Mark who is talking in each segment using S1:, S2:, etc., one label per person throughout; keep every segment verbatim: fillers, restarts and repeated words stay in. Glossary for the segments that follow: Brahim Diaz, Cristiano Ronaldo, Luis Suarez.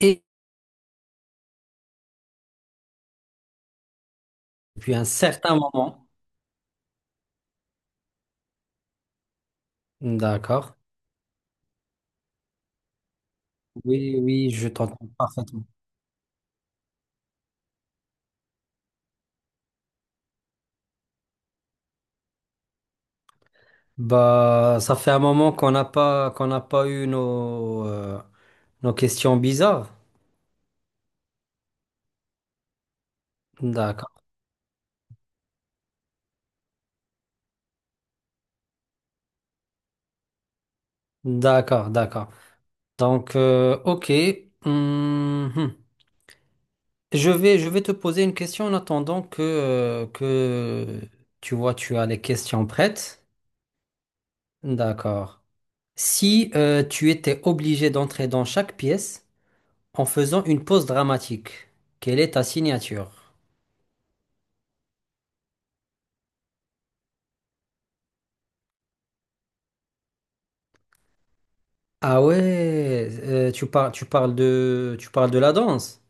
S1: Et depuis un certain moment, d'accord, oui, oui, je t'entends parfaitement. Bah, ça fait un moment qu'on n'a pas qu'on n'a pas eu nos euh, nos questions bizarres. D'accord, d'accord, d'accord. Donc, euh, ok. Hum, hum. Je vais je vais te poser une question en attendant que euh, que tu vois tu as les questions prêtes. D'accord. Si euh, tu étais obligé d'entrer dans chaque pièce en faisant une pause dramatique, quelle est ta signature? Ah ouais, euh, tu parles, tu parles de, tu parles de la danse.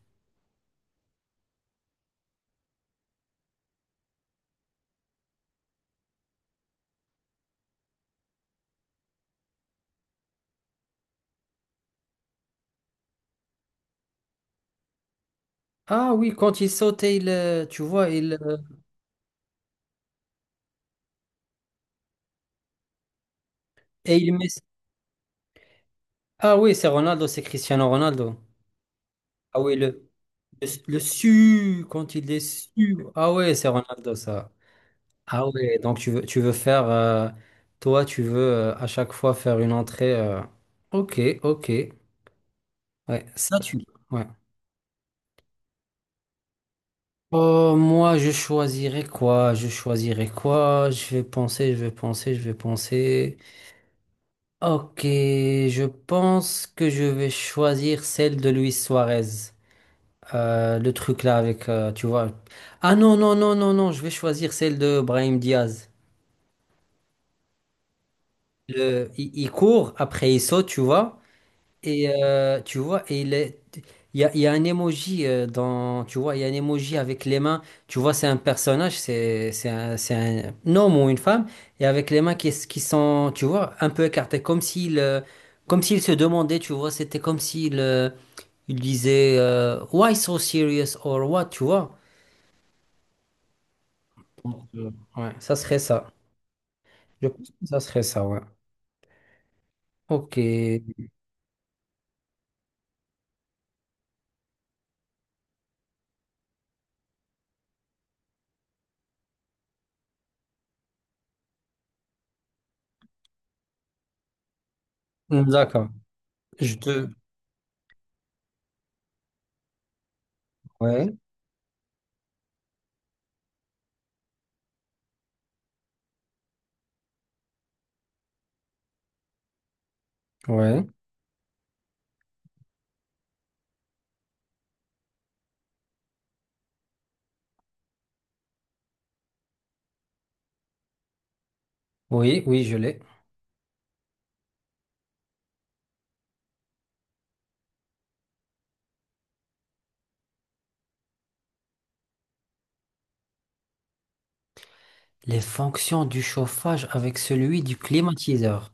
S1: Ah oui, quand il saute et il, euh, tu vois, il euh, et il met. Ah oui, c'est Ronaldo, c'est Cristiano Ronaldo. Ah oui, le, le, le su quand il est su. Ah ouais, c'est Ronaldo ça. Ah ouais, donc tu veux, tu veux faire, euh, toi, tu veux euh, à chaque fois faire une entrée. euh, Ok, ok. Ouais, ça tu. Ouais. Oh moi, je choisirais quoi? Je choisirais quoi? Je vais penser, je vais penser, je vais penser. Ok, je pense que je vais choisir celle de Luis Suarez. Euh, le truc là avec, euh, tu vois. Ah non, non, non, non, non, je vais choisir celle de Brahim Diaz. Le, il, il court, après il saute, tu vois. Et euh, tu vois, et il est, il y a, il y a un emoji euh, dans, tu vois, il y a un emoji avec les mains. Tu vois, c'est un personnage, c'est, c'est un, c'est un homme ou une femme, et avec les mains qui, s- qui sont, tu vois, un peu écartées, comme s'il, euh, comme s'il se demandait, tu vois, c'était comme s'il, euh, il disait, euh, Why so serious or what, tu vois. Donc, euh, ouais, ça serait ça. Je pense que ça serait ça, ouais. Ok, d'accord. Je te, ouais, ouais, oui, oui, je l'ai. Les fonctions du chauffage avec celui du climatiseur.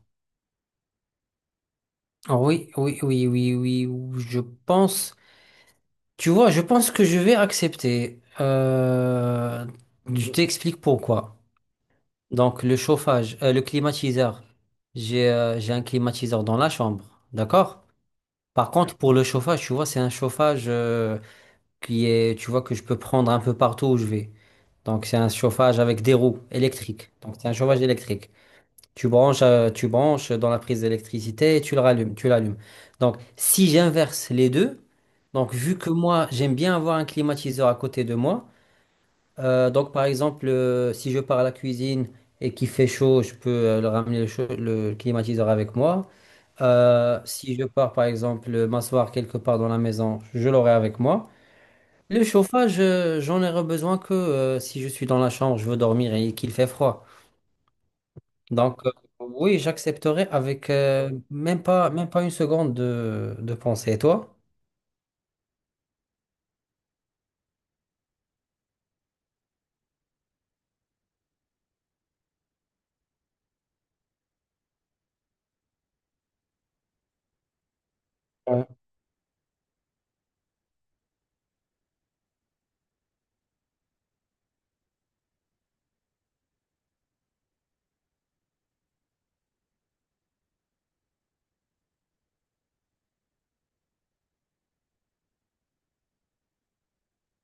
S1: Ah oui, oui, oui, oui, oui, ou- je pense. Tu vois, je pense que je vais accepter. Euh, je t'explique pourquoi. Donc, le chauffage, euh, le climatiseur. J'ai euh, j'ai un climatiseur dans la chambre, d'accord? Par contre, pour le chauffage, tu vois, c'est un chauffage euh, qui est, tu vois, que je peux prendre un peu partout où je vais. Donc, c'est un chauffage avec des roues électriques. Donc, c'est un chauffage électrique. Tu branches, euh, tu branches dans la prise d'électricité et tu le rallumes, tu l'allumes. Donc, si j'inverse les deux, donc vu que moi, j'aime bien avoir un climatiseur à côté de moi, euh, donc par exemple, euh, si je pars à la cuisine et qu'il fait chaud, je peux euh, le ramener le, chaud- le climatiseur avec moi. Euh, si je pars par exemple euh, m'asseoir quelque part dans la maison, je l'aurai avec moi. Le chauffage, euh, j'en aurai besoin que euh, si je suis dans la chambre, je veux dormir et qu'il fait froid. Donc, euh, oui, j'accepterai avec euh, même pas, même pas une seconde de, de pensée. Et toi? Ouais.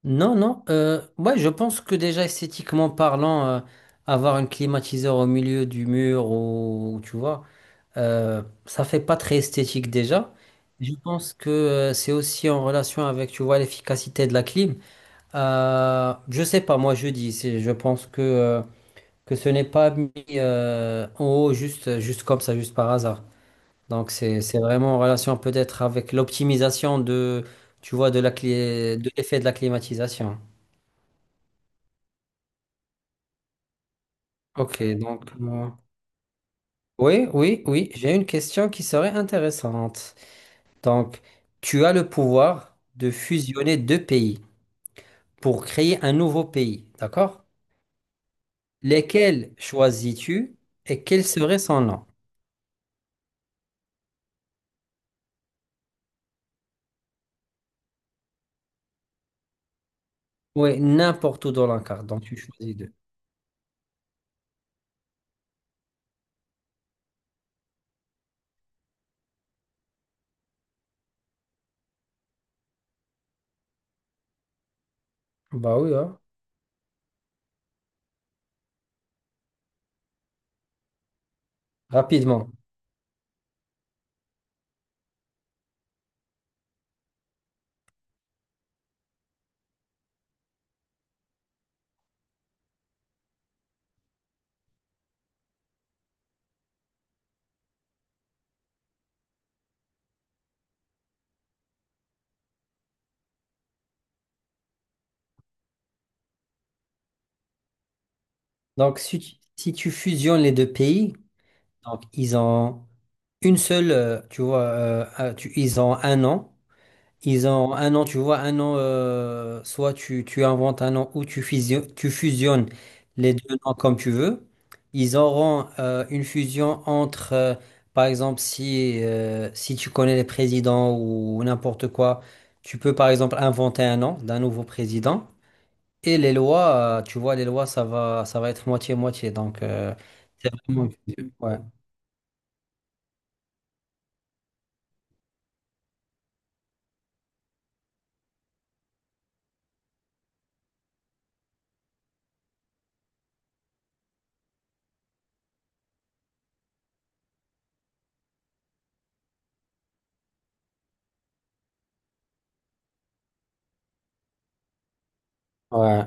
S1: Non, non. euh, ouais, je pense que déjà esthétiquement parlant, euh, avoir un climatiseur au milieu du mur ou tu vois, euh, ça fait pas très esthétique déjà. Je pense que euh, c'est aussi en relation avec, tu vois, l'efficacité de la clim. Euh, je sais pas, moi je dis, c'est- je pense que, euh, que ce n'est pas mis euh, en haut juste, juste comme ça, juste par hasard. Donc c'est c'est vraiment en relation peut-être avec l'optimisation de tu vois de la clé de l'effet de la climatisation. Ok, donc moi- oui, oui, oui, j'ai une question qui serait intéressante. Donc tu as le pouvoir de fusionner deux pays pour créer un nouveau pays, d'accord? Lesquels choisis-tu et quel serait son nom? Oui, n'importe où dans la carte, donc tu choisis deux. Bah oui, hein. Rapidement. Donc si tu, si tu fusionnes les deux pays, donc ils ont une seule, euh, tu vois, euh, euh, tu- ils ont un an. Ils ont un an, tu vois, un an, euh, soit tu, tu inventes un an ou tu fusion- tu fusionnes les deux noms comme tu veux. Ils auront euh, une fusion entre, euh, par exemple, si, euh, si tu connais les présidents ou n'importe quoi, tu peux par exemple inventer un nom d'un nouveau président. Et les lois, euh, tu vois, les lois, ça va, ça va être moitié-moitié. Donc, euh, c'est vraiment... Ouais, ouais.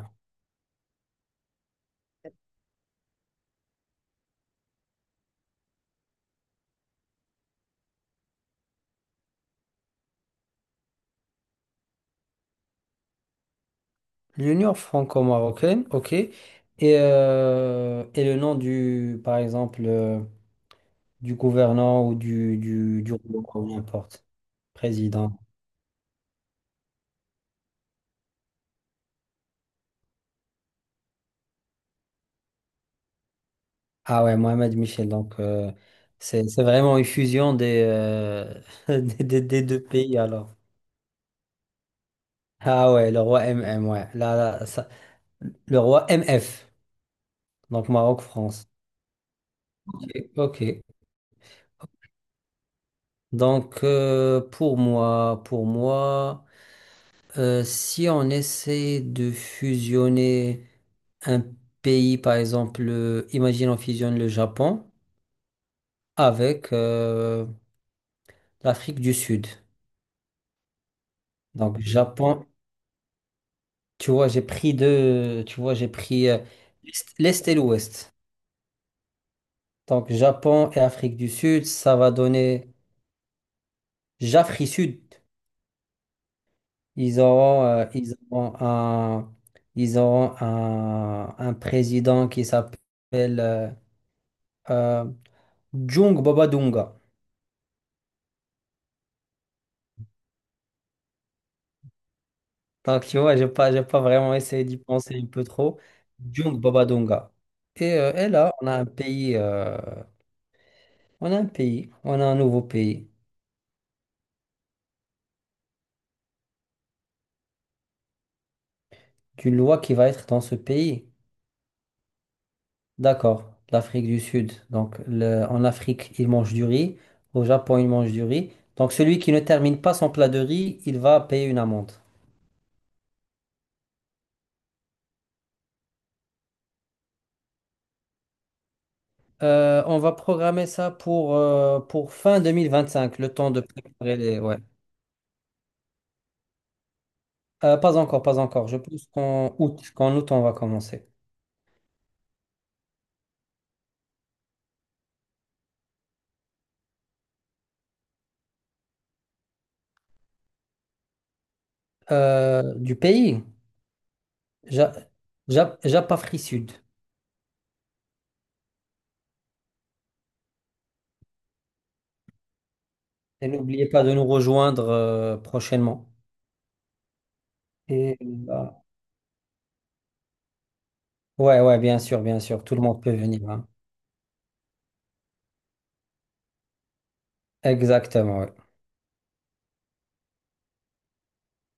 S1: L'Union franco-marocaine, ok. Et, euh, et le nom du, par exemple, euh, du gouvernant ou du, du, du roi, ou n'importe, président. Ah ouais, Mohamed Michel. Donc, euh, c'est, c'est vraiment une fusion des, euh, des, des- des deux pays alors. Ah ouais, le roi M M, ouais. Là, là, ça- le roi M F, donc Maroc-France. Ok. Ok. Donc, euh, pour moi, pour moi. Euh, si on essaie de fusionner un pays, par exemple, euh, imagine on fusionne le Japon avec euh, l'Afrique du Sud. Donc Japon, tu vois, j'ai pris deux, tu vois, j'ai pris euh, l'Est l'Est et l'Ouest. Donc Japon et Afrique du Sud, ça va donner Jafri Sud. Ils auront, euh, ils auront un, ils auront un, un président qui s'appelle euh, euh, Jung Babadunga. Donc, tu vois, j'ai pas, j'ai pas vraiment essayé d'y penser un peu trop. Djung babadonga. Et, euh, et là, on a un pays, euh, on a un pays, on a un nouveau pays, d'une loi qui va être dans ce pays. D'accord, l'Afrique du Sud. Donc, le- en Afrique, ils mangent du riz. Au Japon, ils mangent du riz. Donc, celui qui ne termine pas son plat de riz, il va payer une amende. Euh, on va programmer ça pour, euh, pour fin deux mille vingt-cinq, le temps de préparer les... Ouais. Euh, pas encore, pas encore. Je pense qu'en août, qu'en août, on va commencer. Euh, du pays, Ja- Ja- Japafri Sud. Et n'oubliez pas de nous rejoindre euh, prochainement. Et, euh, ouais, ouais, bien sûr, bien sûr, tout le monde peut venir. Hein. Exactement, ouais.